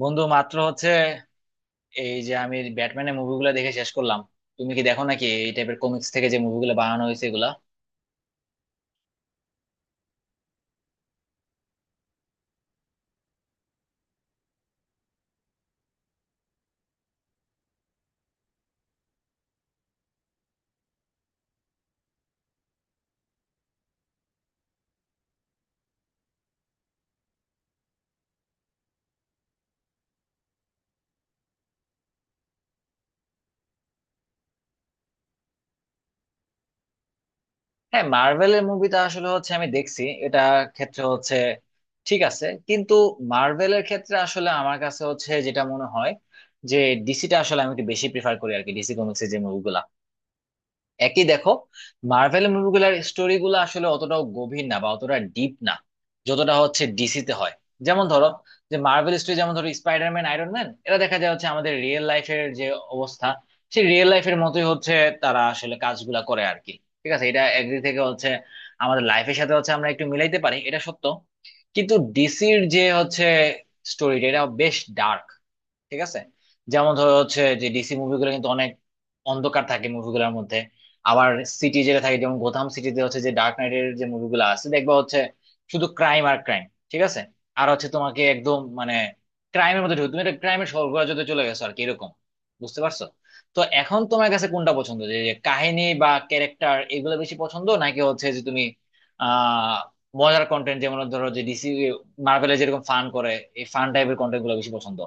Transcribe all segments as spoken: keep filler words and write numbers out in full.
বন্ধু মাত্র হচ্ছে এই যে আমি ব্যাটম্যানের মুভিগুলো দেখে শেষ করলাম। তুমি কি দেখো নাকি এই টাইপের কমিক্স থেকে যে মুভিগুলো বানানো হয়েছে এগুলা? হ্যাঁ, মার্ভেলের মুভিটা আসলে হচ্ছে আমি দেখছি এটা, ক্ষেত্রে হচ্ছে ঠিক আছে। কিন্তু মার্ভেলের ক্ষেত্রে আসলে আমার কাছে হচ্ছে যেটা মনে হয় যে ডিসিটা আসলে আমি একটু বেশি প্রিফার করি আর কি, ডিসি কমিক্সের যে মুভিগুলা একই দেখো, মার্ভেল মুভিগুলোর স্টোরি গুলো আসলে অতটাও গভীর না বা অতটা ডিপ না, যতটা হচ্ছে ডিসিতে হয়। যেমন ধরো যে মার্ভেল স্টোরি, যেমন ধরো স্পাইডারম্যান, আয়রন ম্যান, এরা দেখা যায় হচ্ছে আমাদের রিয়েল লাইফের যে অবস্থা, সেই রিয়েল লাইফের মতোই হচ্ছে তারা আসলে কাজগুলা করে আর কি। ঠিক আছে, এটা একদিক থেকে হচ্ছে আমাদের লাইফের সাথে হচ্ছে আমরা একটু মিলাইতে পারি, এটা সত্য। কিন্তু ডিসির যে হচ্ছে স্টোরিটা, এটা বেশ ডার্ক। ঠিক আছে, যেমন ধরো হচ্ছে যে ডিসি মুভিগুলো কিন্তু অনেক অন্ধকার থাকে মুভিগুলোর মধ্যে। আবার সিটি যেটা থাকে, যেমন গোথাম সিটিতে হচ্ছে যে ডার্ক নাইটের যে মুভিগুলো আছে দেখবা হচ্ছে শুধু ক্রাইম আর ক্রাইম। ঠিক আছে, আর হচ্ছে তোমাকে একদম মানে ক্রাইমের মধ্যে ঢুকে তুমি একটা ক্রাইমের স্বর্গরাজ্যতে চলে গেছো আর কি, এরকম। বুঝতে পারছো? তো এখন তোমার কাছে কোনটা পছন্দ, যে যে কাহিনী বা ক্যারেক্টার এগুলো বেশি পছন্দ, নাকি হচ্ছে যে তুমি আহ মজার কন্টেন্ট, যেমন ধরো যে ডিসি, মার্ভেলে যেরকম ফান করে, এই ফান টাইপের কন্টেন্ট গুলো বেশি পছন্দ?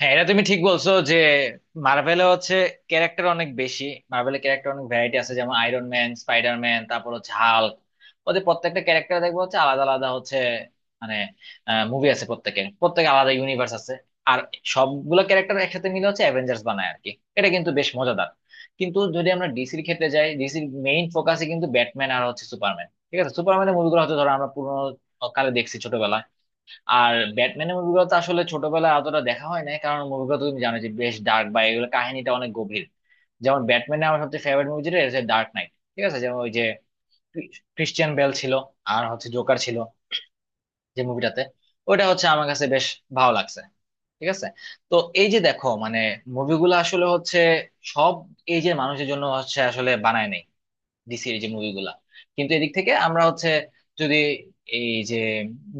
হ্যাঁ, এটা তুমি ঠিক বলছো যে মার্ভেলে হচ্ছে ক্যারেক্টার অনেক বেশি। মার্ভেলের ক্যারেক্টার অনেক ভ্যারাইটি আছে, যেমন আয়রন ম্যান, স্পাইডার ম্যান, তারপর হচ্ছে হাল্ক। ওদের প্রত্যেকটা ক্যারেক্টার দেখবো হচ্ছে আলাদা আলাদা হচ্ছে, মানে মুভি আছে প্রত্যেকের, প্রত্যেকে আলাদা ইউনিভার্স আছে। আর সবগুলো ক্যারেক্টার একসাথে মিলে হচ্ছে অ্যাভেঞ্জার্স বানায় আর কি। এটা কিন্তু বেশ মজাদার। কিন্তু যদি আমরা ডিসির ক্ষেত্রে যাই, ডিসির মেইন ফোকাসে কিন্তু ব্যাটম্যান আর হচ্ছে সুপারম্যান। ঠিক আছে, সুপারম্যানের মুভিগুলো হয়তো ধরো আমরা পুরোনো কালে দেখছি ছোটবেলায়। আর ব্যাটম্যানের মুভিগুলো তো আসলে ছোটবেলায় অতটা দেখা হয় নাই, কারণ মুভিগুলো তুমি জানো যে বেশ ডার্ক, বা এগুলো কাহিনীটা অনেক গভীর। যেমন ব্যাটম্যানের আমার সবচেয়ে ফেভারিট মুভি যেটা হচ্ছে ডার্ক নাইট। ঠিক আছে, যেমন ওই যে ক্রিশ্চিয়ান বেল ছিল আর হচ্ছে জোকার ছিল যে মুভিটাতে, ওটা হচ্ছে আমার কাছে বেশ ভালো লাগছে। ঠিক আছে, তো এই যে দেখো মানে মুভিগুলো আসলে হচ্ছে সব এই যে মানুষের জন্য হচ্ছে আসলে বানায় নাই ডিসির এই যে মুভিগুলা। কিন্তু এদিক থেকে আমরা হচ্ছে, যদি এই যে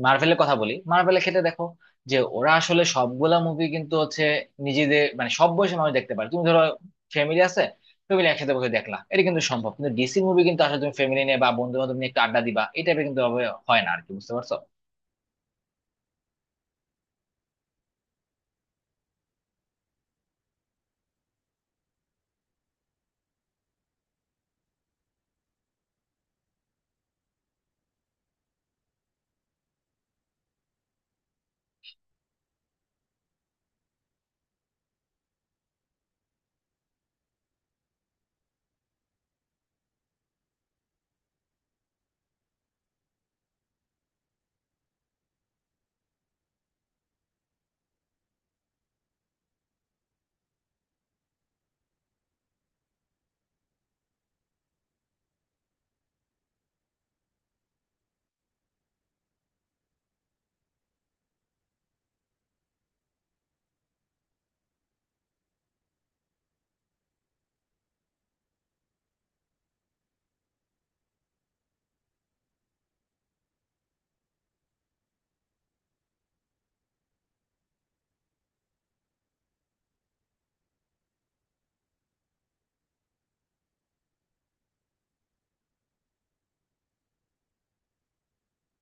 মার্ভেলের কথা বলি, মার্ভেলের ক্ষেত্রে দেখো যে ওরা আসলে সবগুলা মুভি কিন্তু হচ্ছে নিজেদের মানে সব বয়সী মানুষ দেখতে পারে। তুমি ধরো ফ্যামিলি আছে, ফ্যামিলি একসাথে বসে দেখলা এটা কিন্তু সম্ভব। কিন্তু ডিসি মুভি কিন্তু আসলে তুমি ফ্যামিলি নিয়ে বা বন্ধু বান্ধব নিয়ে একটু আড্ডা দিবা এই টাইপের, কিন্তু ওভাবে হয় না আর কি। বুঝতে পারছো?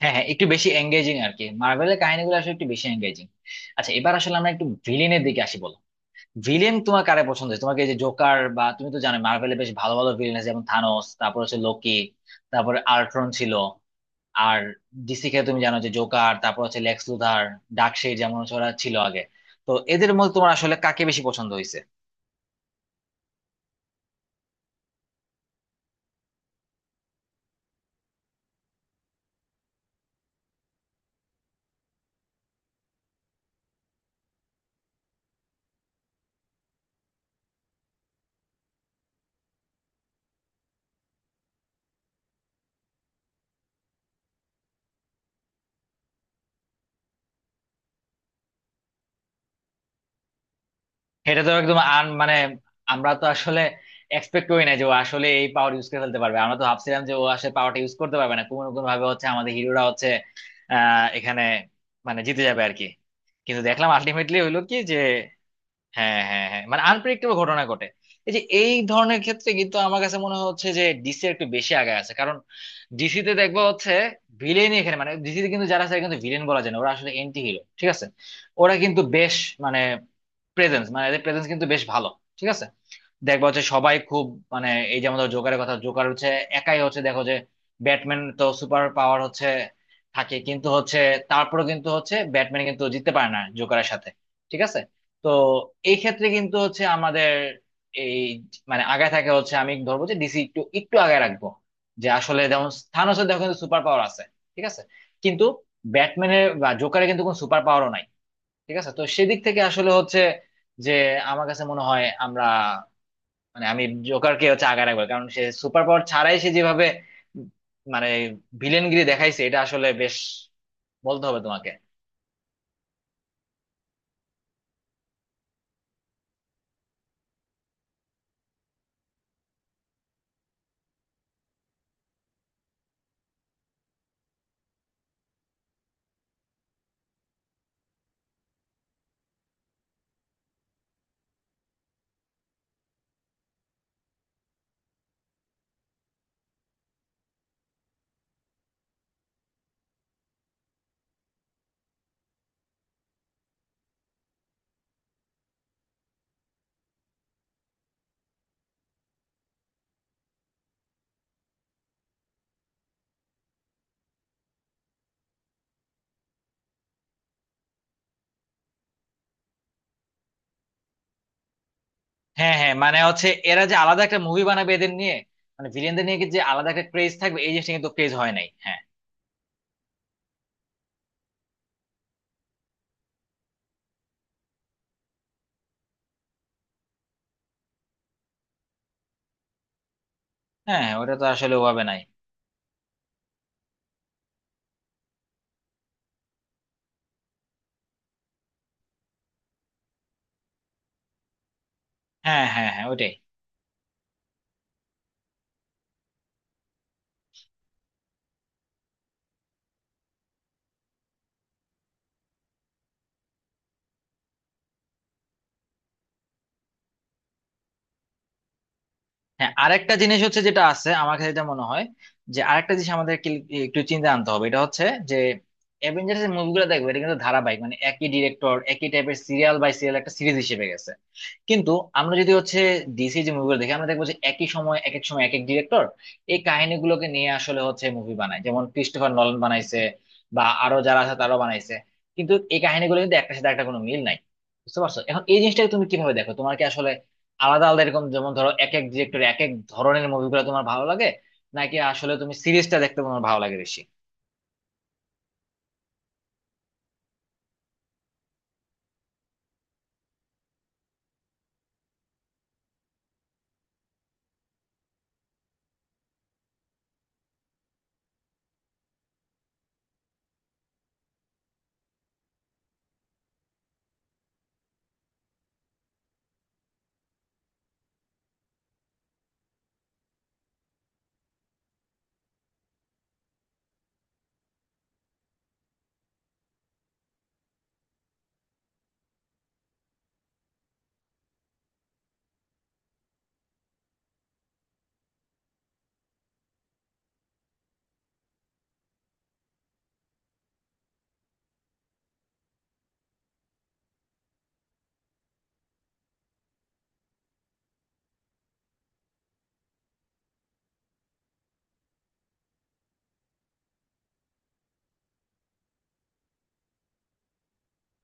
হ্যাঁ হ্যাঁ, একটু বেশি এঙ্গেজিং আর কি, মার্ভেলের কাহিনীগুলো আসলে একটু বেশি এঙ্গেজিং। আচ্ছা, এবার আসলে আমরা একটু ভিলেনের দিকে আসি, বলো ভিলেন তোমার কারে পছন্দ হয়েছে? তোমাকে এই যে জোকার, বা তুমি তো জানো মার্ভেলে বেশ ভালো ভালো ভিলেন আছে, যেমন থানোস, তারপর হচ্ছে লোকি, তারপর আল্ট্রন ছিল। আর ডিসি কে তুমি জানো যে জোকার, তারপর হচ্ছে লেক্স লুথার, ডার্কসাইড, যেমন হচ্ছে ওরা ছিল আগে। তো এদের মধ্যে তোমার আসলে কাকে বেশি পছন্দ হয়েছে? এটা তো একদম আন মানে, আমরা তো আসলে এক্সপেক্ট করি না যে ও আসলে এই পাওয়ার ইউজ করে ফেলতে পারবে। আমরা তো ভাবছিলাম যে ও আসলে পাওয়ারটা ইউজ করতে পারবে না, কোনো কোনো ভাবে হচ্ছে আমাদের হিরোরা হচ্ছে আহ এখানে মানে জিতে যাবে আর কি। কিন্তু দেখলাম আলটিমেটলি হলো কি যে হ্যাঁ হ্যাঁ হ্যাঁ, মানে আনপ্রেডিক্টেবল ঘটনা ঘটে। এই যে এই ধরনের ক্ষেত্রে কিন্তু আমার কাছে মনে হচ্ছে যে ডিসি একটু বেশি আগে আছে, কারণ ডিসি তে দেখবো হচ্ছে ভিলেনই এখানে, মানে ডিসি তে কিন্তু যারা আছে এরা কিন্তু ভিলেন বলা যায় না, ওরা আসলে এন্টি হিরো। ঠিক আছে, ওরা কিন্তু বেশ মানে প্রেজেন্স, মানে এদের প্রেজেন্স কিন্তু বেশ ভালো। ঠিক আছে, দেখবা হচ্ছে সবাই খুব মানে এই যে আমাদের জোকারের কথা, জোকার হচ্ছে একাই, হচ্ছে দেখো যে ব্যাটম্যান তো সুপার পাওয়ার হচ্ছে থাকে কিন্তু হচ্ছে, তারপরে কিন্তু হচ্ছে ব্যাটম্যান কিন্তু জিততে পারে না জোকারের সাথে। ঠিক আছে, তো এই ক্ষেত্রে কিন্তু হচ্ছে আমাদের এই মানে আগায় থাকে হচ্ছে আমি ধরবো যে ডিসি একটু একটু আগায় রাখবো, যে আসলে যেমন থানোসের দেখো কিন্তু সুপার পাওয়ার আছে। ঠিক আছে, কিন্তু ব্যাটম্যানের বা জোকারের কিন্তু কোনো সুপার পাওয়ারও নাই। ঠিক আছে, তো সেদিক থেকে আসলে হচ্ছে যে আমার কাছে মনে হয় আমরা, মানে আমি জোকারকে হচ্ছে আগায় রাখবো, কারণ সে সুপার পাওয়ার ছাড়াই সে যেভাবে মানে ভিলেনগিরি দেখাইছে, এটা আসলে বেশ বলতে হবে তোমাকে। হ্যাঁ হ্যাঁ, মানে হচ্ছে এরা যে আলাদা একটা মুভি বানাবে এদের নিয়ে, মানে ভিলেনদের নিয়ে কি যে আলাদা একটা ক্রেজ থাকবে এই জিনিসটা কিন্তু ক্রেজ হয় নাই। হ্যাঁ হ্যাঁ হ্যাঁ, ওটা তো আসলে ওভাবে নাই। হ্যাঁ হ্যাঁ হ্যাঁ, ওইটাই। হ্যাঁ, আরেকটা জিনিস হচ্ছে যেটা আছে আমার কাছে, যেটা মনে হয় যে আরেকটা জিনিস আমাদের কি- একটু চিন্তা আনতে হবে, এটা হচ্ছে যে অ্যাভেঞ্জার্স এর মুভিগুলো দেখবে এটা কিন্তু ধারাবাহিক, মানে একই ডিরেক্টর, একই টাইপের সিরিয়াল বাই সিরিয়াল একটা সিরিজ হিসেবে গেছে। কিন্তু আমরা যদি হচ্ছে ডিসি যে মুভিগুলো দেখি, আমরা দেখবো যে একই সময়, এক এক সময় এক এক ডিরেক্টর এই কাহিনীগুলোকে নিয়ে আসলে হচ্ছে মুভি বানায়, যেমন ক্রিস্টোফার নলন বানাইছে, বা আরো যারা আছে তারাও বানাইছে। কিন্তু এই কাহিনীগুলো কিন্তু একটার সাথে একটা কোনো মিল নাই। বুঝতে পারছো? এখন এই জিনিসটাকে তুমি কিভাবে দেখো, তোমার কি আসলে আলাদা আলাদা এরকম, যেমন ধরো এক এক ডিরেক্টর এক এক ধরনের মুভিগুলো তোমার ভালো লাগে, নাকি আসলে তুমি সিরিজটা দেখতে তোমার ভালো লাগে বেশি?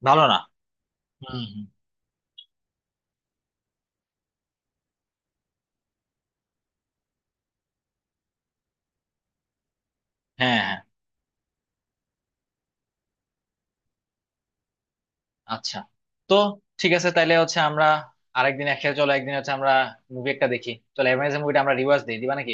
ভালো না। হুম হুম। হ্যাঁ হ্যাঁ। আচ্ছা, তো ঠিক আছে, তাইলে হচ্ছে আমরা আরেকদিন একসাথে, চলো একদিন হচ্ছে আমরা মুভি একটা দেখি। চলো অ্যামাজন মুভিটা আমরা রিওয়াজ দিই, দিবা নাকি?